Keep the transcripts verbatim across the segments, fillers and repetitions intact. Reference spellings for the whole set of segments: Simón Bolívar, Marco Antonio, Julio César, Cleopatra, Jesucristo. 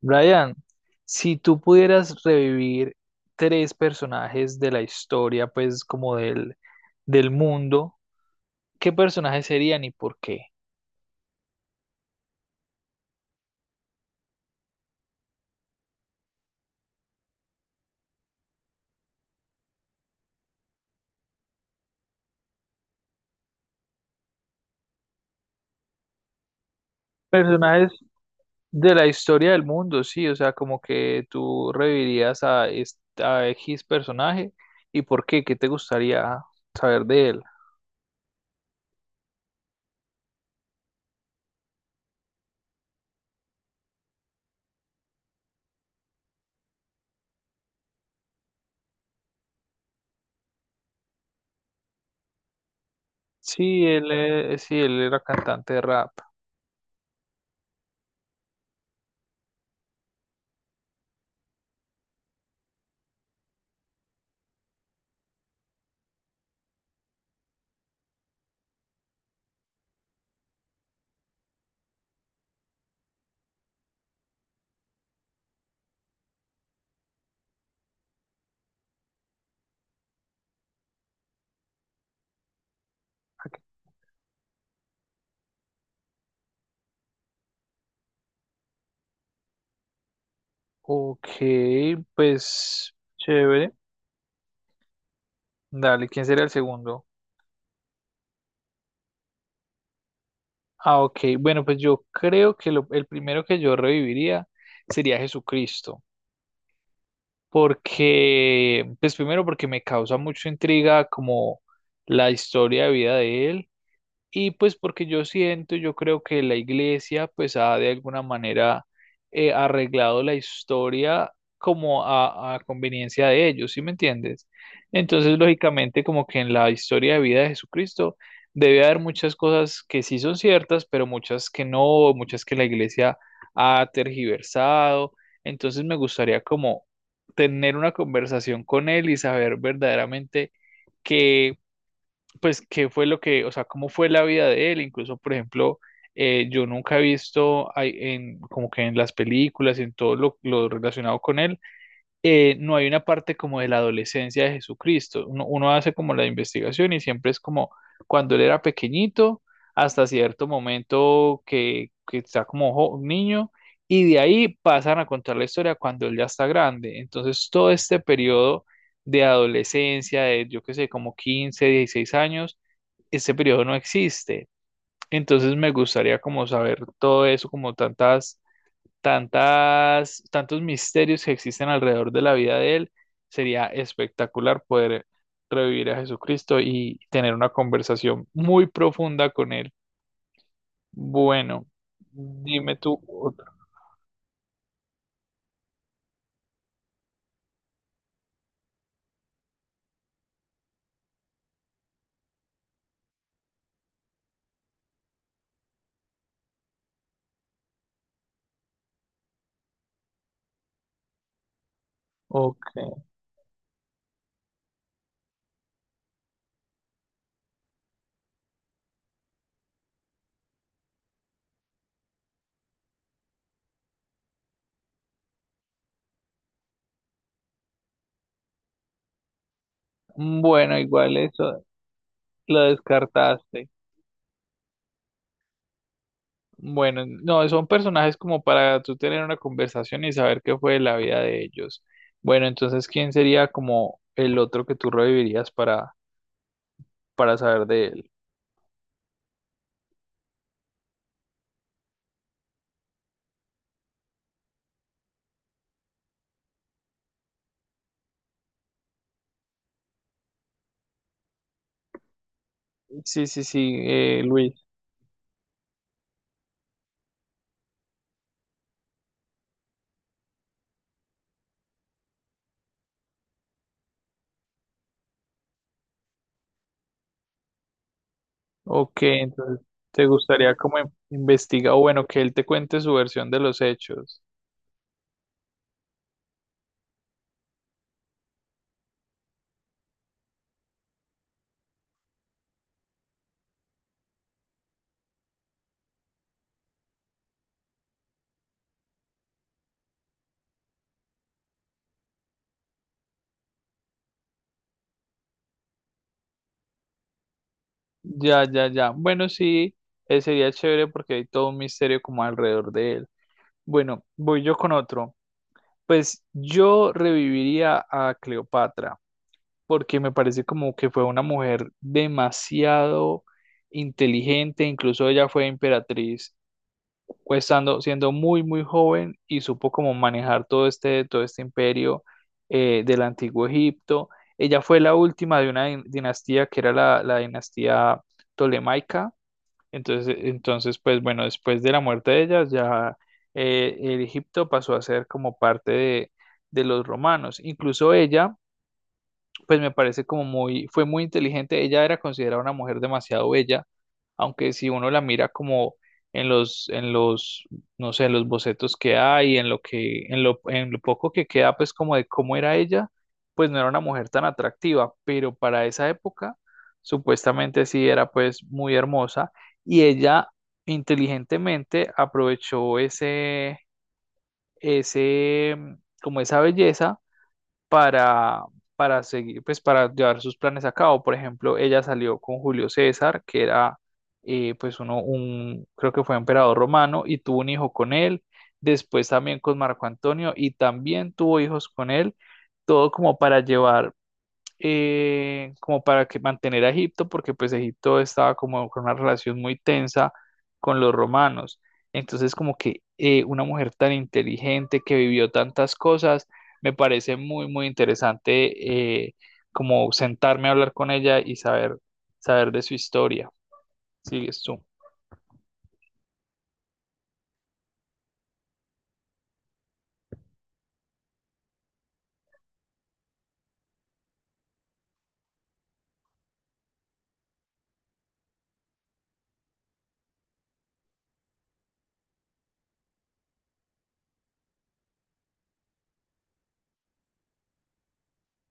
Brian, si tú pudieras revivir tres personajes de la historia, pues como del, del mundo, ¿qué personajes serían y por qué? Personajes de la historia del mundo, sí, o sea, como que tú revivirías a, est- a X personaje y por qué, ¿qué te gustaría saber de él? Sí, él, eh, sí, él era cantante de rap. Ok, pues chévere. Dale, ¿quién sería el segundo? Ah, ok. Bueno, pues yo creo que lo- el primero que yo reviviría sería Jesucristo, porque, pues primero porque me causa mucha intriga como la historia de vida de él. Y pues porque yo siento, yo creo que la iglesia pues ha de alguna manera eh, arreglado la historia como a, a conveniencia de ellos, ¿sí me entiendes? Entonces, lógicamente, como que en la historia de vida de Jesucristo debe haber muchas cosas que sí son ciertas, pero muchas que no, muchas que la iglesia ha tergiversado. Entonces, me gustaría como tener una conversación con él y saber verdaderamente que pues qué fue lo que, o sea, cómo fue la vida de él, incluso, por ejemplo, eh, yo nunca he visto ahí en, como que en las películas y en todo lo, lo relacionado con él, eh, no hay una parte como de la adolescencia de Jesucristo. Uno, uno hace como la investigación y siempre es como cuando él era pequeñito, hasta cierto momento que, que está como jo- niño, y de ahí pasan a contar la historia cuando él ya está grande. Entonces, todo este periodo de adolescencia, de yo qué sé, como quince dieciséis años, ese periodo no existe. Entonces me gustaría como saber todo eso, como tantas, tantas, tantos misterios que existen alrededor de la vida de él. Sería espectacular poder revivir a Jesucristo y tener una conversación muy profunda con él. Bueno, dime tú otro. Ok. Bueno, igual eso lo descartaste. Bueno, no, son personajes como para tú tener una conversación y saber qué fue de la vida de ellos. Bueno, entonces, ¿quién sería como el otro que tú revivirías para, para saber de él? Sí, sí, sí, eh, Luis. Ok, entonces, ¿te gustaría como in- investiga o bueno, que él te cuente su versión de los hechos? Ya, ya, ya. Bueno, sí, eh, sería chévere porque hay todo un misterio como alrededor de él. Bueno, voy yo con otro. Pues yo reviviría a Cleopatra. Porque me parece como que fue una mujer demasiado inteligente, incluso ella fue emperatriz, pues estando- siendo muy, muy joven y supo como manejar todo este, todo este imperio eh, del antiguo Egipto. Ella fue la última de una din- dinastía que era la, la dinastía tolemaica. Entonces, entonces, pues bueno, después de la muerte de ella, ya eh, el Egipto pasó a ser como parte de, de los romanos. Incluso ella pues me parece como muy, fue muy inteligente. Ella era considerada una mujer demasiado bella, aunque si uno la mira como en los, en los, no sé, en los bocetos que hay, en lo que, en lo, en lo poco que queda, pues como de cómo era ella, pues no era una mujer tan atractiva, pero para esa época, supuestamente sí era pues muy hermosa y ella inteligentemente aprovechó ese, ese, como esa belleza para, para seguir, pues para llevar sus planes a cabo. Por ejemplo, ella salió con Julio César, que era eh, pues uno, un, creo que fue emperador romano, y tuvo un hijo con él, después también con Marco Antonio, y también tuvo hijos con él, todo como para llevar eh, como para que mantener a Egipto, porque pues Egipto estaba como con una relación muy tensa con los romanos. Entonces, como que eh, una mujer tan inteligente que vivió tantas cosas, me parece muy, muy interesante eh, como sentarme a hablar con ella y saber, saber de su historia. Sigues tú.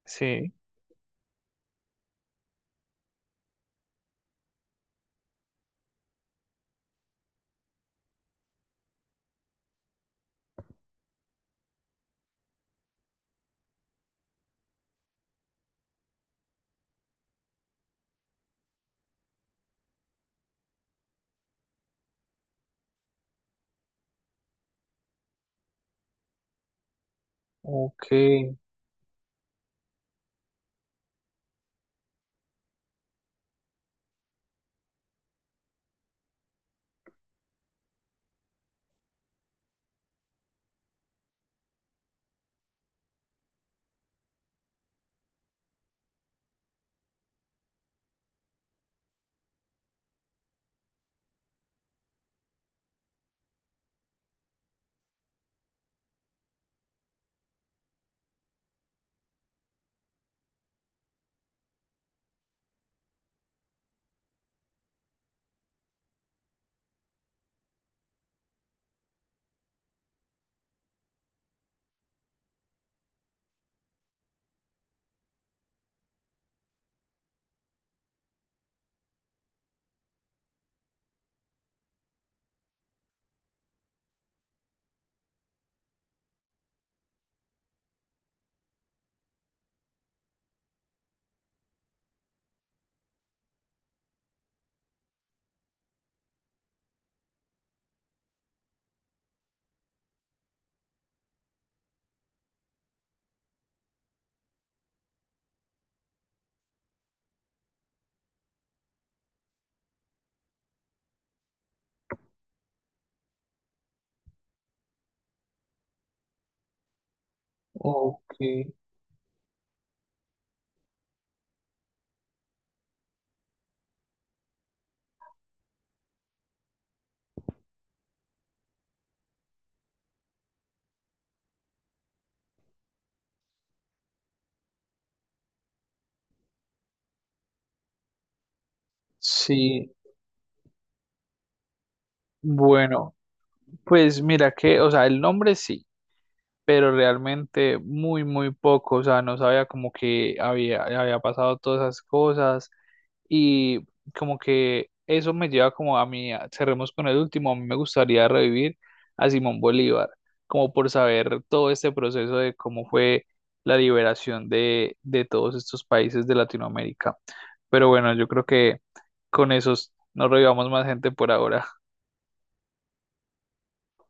Sí, ok, ok, sí, bueno, pues mira que, o sea, el nombre sí, pero realmente muy, muy poco, o sea, no sabía como que había, había pasado todas esas cosas y como que eso me lleva como a mí, a- cerremos con el último, a mí me gustaría revivir a Simón Bolívar, como por saber todo este proceso de cómo fue la liberación de, de todos estos países de Latinoamérica. Pero bueno, yo creo que con esos no revivamos más gente por ahora.